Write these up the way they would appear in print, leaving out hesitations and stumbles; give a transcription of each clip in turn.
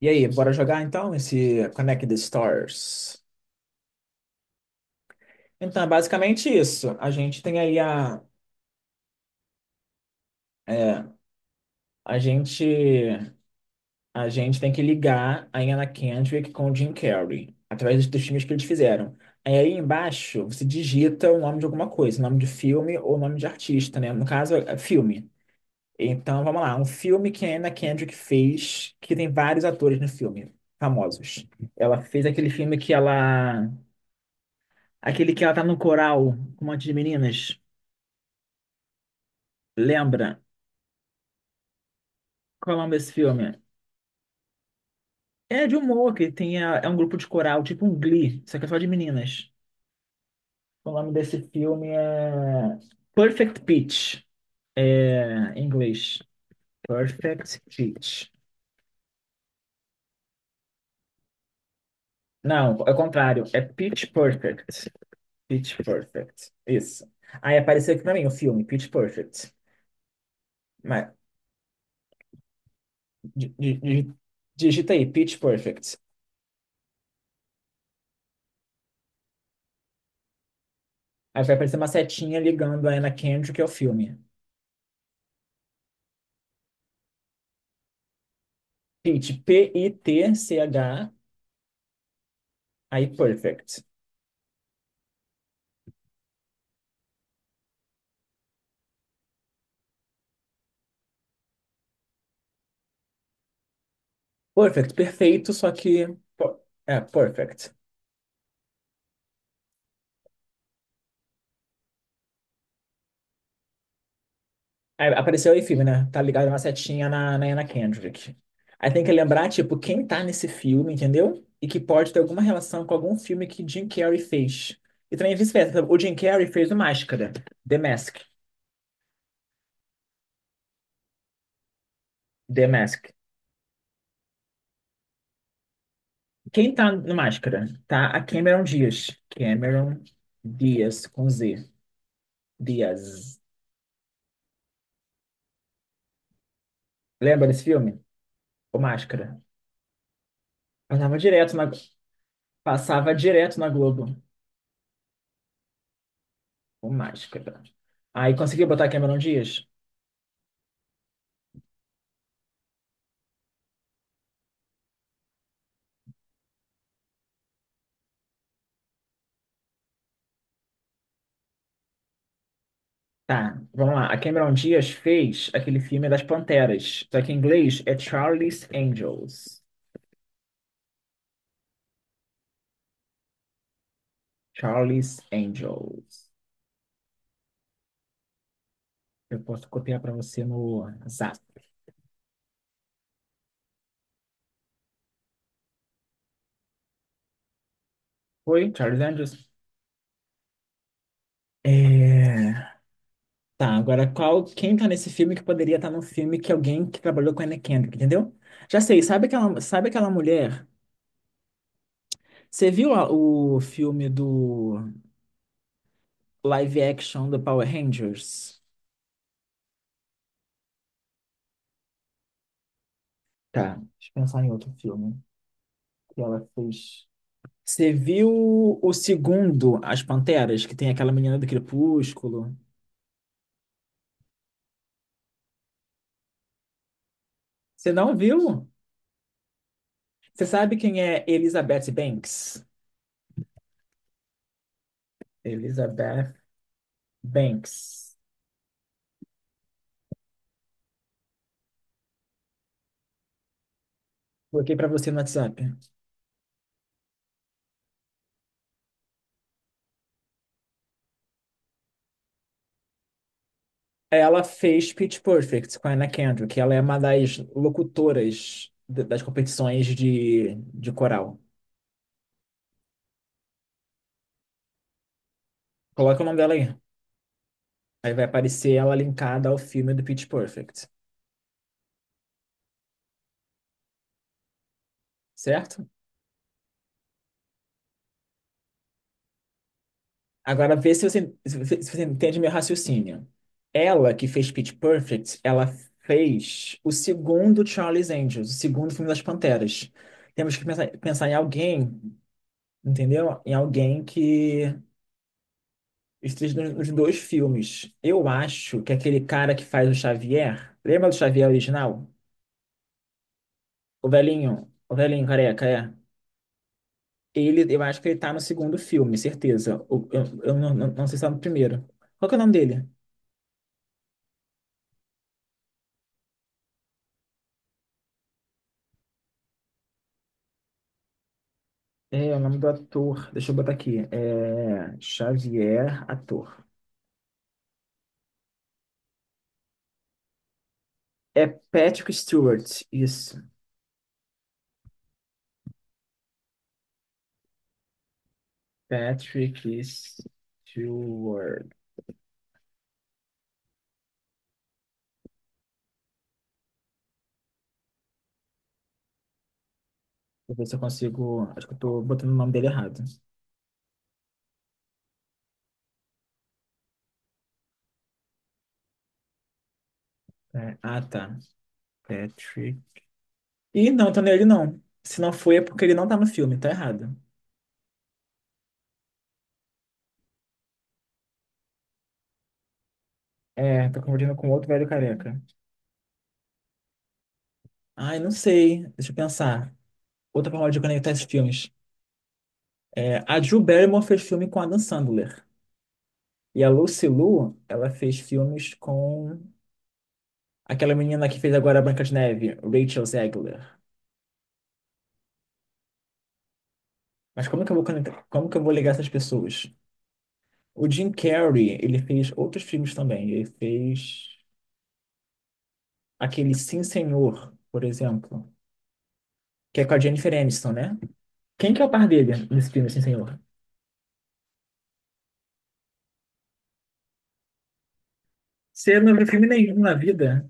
E aí, bora jogar então esse Connect the Stars? Então, é basicamente isso. A gente tem aí a. é, a gente. A gente tem que ligar a Anna Kendrick com o Jim Carrey, através dos filmes que eles fizeram. Aí embaixo, você digita o nome de alguma coisa, nome de filme ou nome de artista, né? No caso, é filme. Então, vamos lá. Um filme que a Anna Kendrick fez, que tem vários atores no filme, famosos. Ela fez aquele filme que ela. Aquele que ela tá no coral com um monte de meninas. Lembra? Qual é o nome desse filme? É de humor, que tem é um grupo de coral, tipo um Glee, só que é só de meninas. O nome desse filme é Perfect Pitch. É, em inglês. Perfect Pitch. Não, é o contrário. É Pitch Perfect. Pitch Perfect. Isso. Aí apareceu aqui pra mim o filme, Pitch Perfect. Mas, di- di- di- digita aí, Pitch Perfect. Aí vai aparecer uma setinha ligando a Anna Kendrick que é o filme. Pit, Pitch, aí perfect. Perfect, perfeito, só que. po- É, perfect. Aí apareceu aí filme, né? Tá ligado uma setinha na Anna Kendrick. Aí tem que lembrar, tipo, quem tá nesse filme, entendeu? E que pode ter alguma relação com algum filme que Jim Carrey fez. E também vice-versa. O Jim Carrey fez o Máscara, The Mask. The Mask. Quem tá no Máscara? Tá a Cameron Diaz. Cameron Diaz, com Z. Diaz. Lembra desse filme? O Máscara. Passava direto na, Passava direto na Globo, o Máscara. Aí conseguiu botar a Cameron Diaz? Tá, vamos lá. A Cameron Diaz fez aquele filme das Panteras, só que em inglês é Charlie's Angels. Charlie's Angels. Eu posso copiar pra você no Zap. Oi, Charlie's Angels? É... Tá, agora quem tá nesse filme que poderia estar no filme que alguém que trabalhou com a Anna Kendrick, entendeu? Já sei, sabe aquela mulher? Você viu o filme do live action do Power Rangers. Tá. Deixa eu pensar em outro filme que ela fez. Você viu o segundo, As Panteras, que tem aquela menina do Crepúsculo? Você não viu? Você sabe quem é Elizabeth Banks? Elizabeth Banks. Coloquei pra você no WhatsApp. Ela fez Pitch Perfect com a Anna Kendrick, que ela é uma das locutoras d- das competições de coral. Coloca o nome dela aí. Aí vai aparecer ela linkada ao filme do Pitch Perfect. Certo? Agora, vê se você entende meu raciocínio. Ela que fez Pitch Perfect, ela fez o segundo Charlie's Angels, o segundo filme das Panteras. Temos que pensar em alguém, entendeu? Em alguém que esteja nos dois filmes. Eu acho que aquele cara que faz o Xavier, lembra do Xavier original? O velhinho careca, é. Ele, eu acho que ele tá no segundo filme, certeza. O- Eu não sei se tá no primeiro. Qual que é o nome dele? É, o nome do ator, deixa eu botar aqui, é Xavier, ator. É Patrick Stewart, isso. Patrick Stewart. Deixa eu ver se eu consigo, acho que eu tô botando o nome dele errado. É, ah, tá. Patrick. Ih, não, tô nele não. Se não foi, é porque ele não tá no filme, tá errado. É, tô confundindo com outro velho careca. Ai, não sei, deixa eu pensar. Outra forma de conectar esses filmes. É, a Drew Barrymore fez filme com Adam Sandler. E a Lucy Liu, ela fez filmes com aquela menina que fez agora a Branca de Neve, Rachel Zegler. Mas como que eu vou conectar, como que eu vou ligar essas pessoas? O Jim Carrey, ele fez outros filmes também. Ele fez aquele Sim Senhor, por exemplo, que é com a Jennifer Aniston, né? Quem que é o par dele nesse filme, Sim Senhor? Você não viu filme nenhum na vida?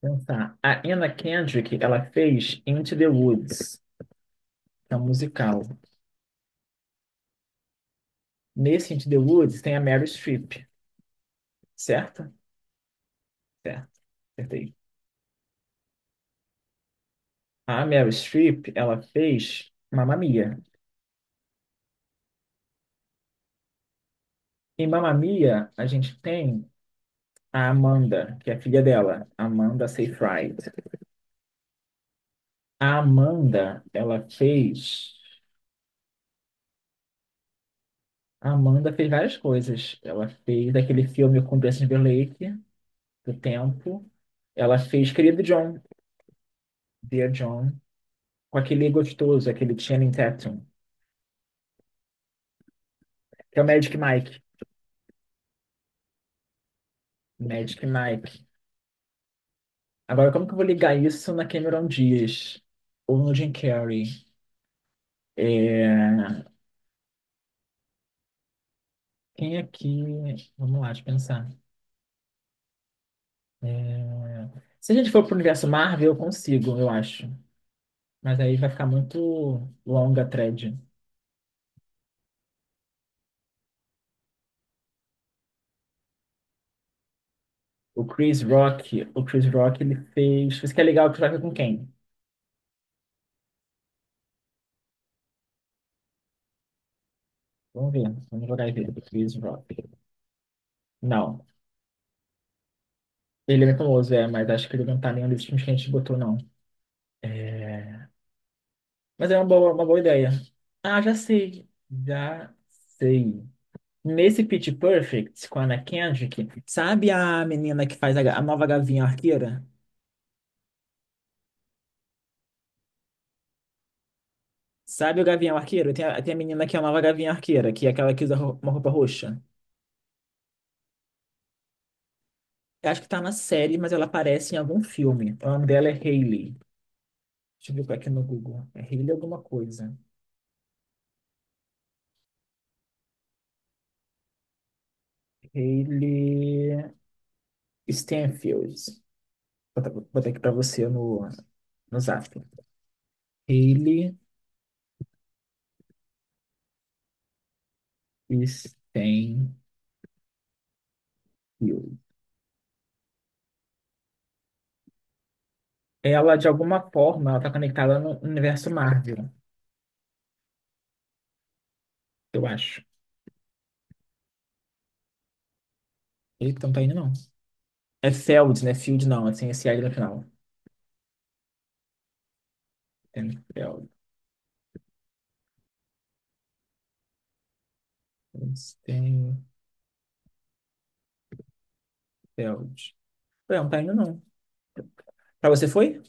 Pensar. A Anna Kendrick, ela fez Into the Woods, que é um musical. Nesse Into the Woods tem a Meryl Streep, certo? Certo, acertei. A Meryl Streep, ela fez Mamma Mia. Em Mamma Mia, a gente tem a Amanda, que é a filha dela, Amanda Seyfried. A Amanda, ela fez... A Amanda fez várias coisas. Ela fez aquele filme com Justin Timberlake, do Tempo. Ela fez Querido John, Dear John, com aquele gostoso, aquele Channing Tatum, que é o Magic Mike. Magic Mike. Agora, como que eu vou ligar isso na Cameron Diaz? Ou no Jim Carrey? É, quem aqui? Vamos lá, deixa eu pensar. É, se a gente for pro universo Marvel, eu consigo, eu acho. Mas aí vai ficar muito longa a thread. O Chris Rock ele fez. Isso que é legal, o Chris Rock é com quem? Vamos ver, vamos jogar e ver. O Chris Rock. Não, ele é bem famoso, é, mas acho que ele não tá nenhum dos filmes que a gente botou, não. É, mas é uma boa ideia. Ah, já sei, já sei. Nesse Pitch Perfect com a Anna Kendrick, sabe a menina que faz a nova Gavião Arqueira? Sabe o Gavião Arqueiro? Tem a menina que é a nova Gavião Arqueira, que é aquela que usa uma roupa roxa. Eu acho que tá na série, mas ela aparece em algum filme. O nome dela é Hailey. Deixa eu ver aqui no Google. É Hailey alguma coisa. Hailey Stenfield. Vou botar aqui pra você no Zap. Hailey Stenfield. Ela, de alguma forma, ela tá conectada no universo Marvel. Eu acho. Eita, então não tá indo, não. É Feld, né? Field não, assim, é sem esse S L no final. Feld. Feld. Não tá indo, não. Pra você foi?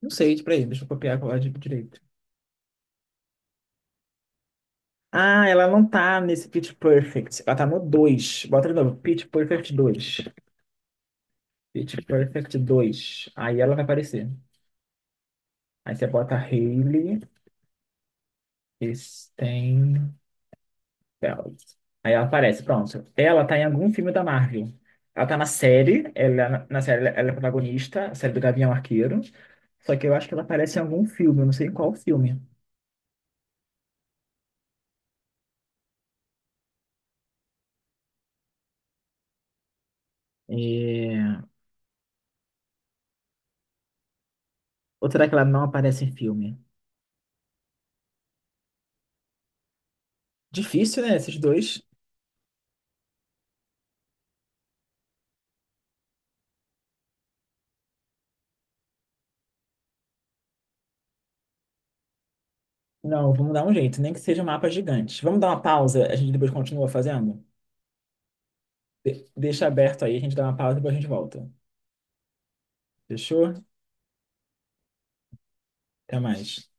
Não sei, tipo, peraí, deixa eu copiar a de direito. Ah, ela não tá nesse Pitch Perfect. Ela tá no dois. Bota de novo. Pitch Perfect 2. Pitch Perfect 2. Aí ela vai aparecer. Aí você bota Hayley Stein. Dela. Aí ela aparece, pronto. Ela tá em algum filme da Marvel. Ela tá na série, ela, na série ela é protagonista, a série do Gavião Arqueiro. Só que eu acho que ela aparece em algum filme, eu não sei em qual filme. É... Ou será que ela não aparece em filme? Difícil, né, esses dois? Não, vamos dar um jeito, nem que seja um mapa gigante. Vamos dar uma pausa, a gente depois continua fazendo? De- deixa aberto aí, a gente dá uma pausa e depois a gente volta. Fechou? Até mais.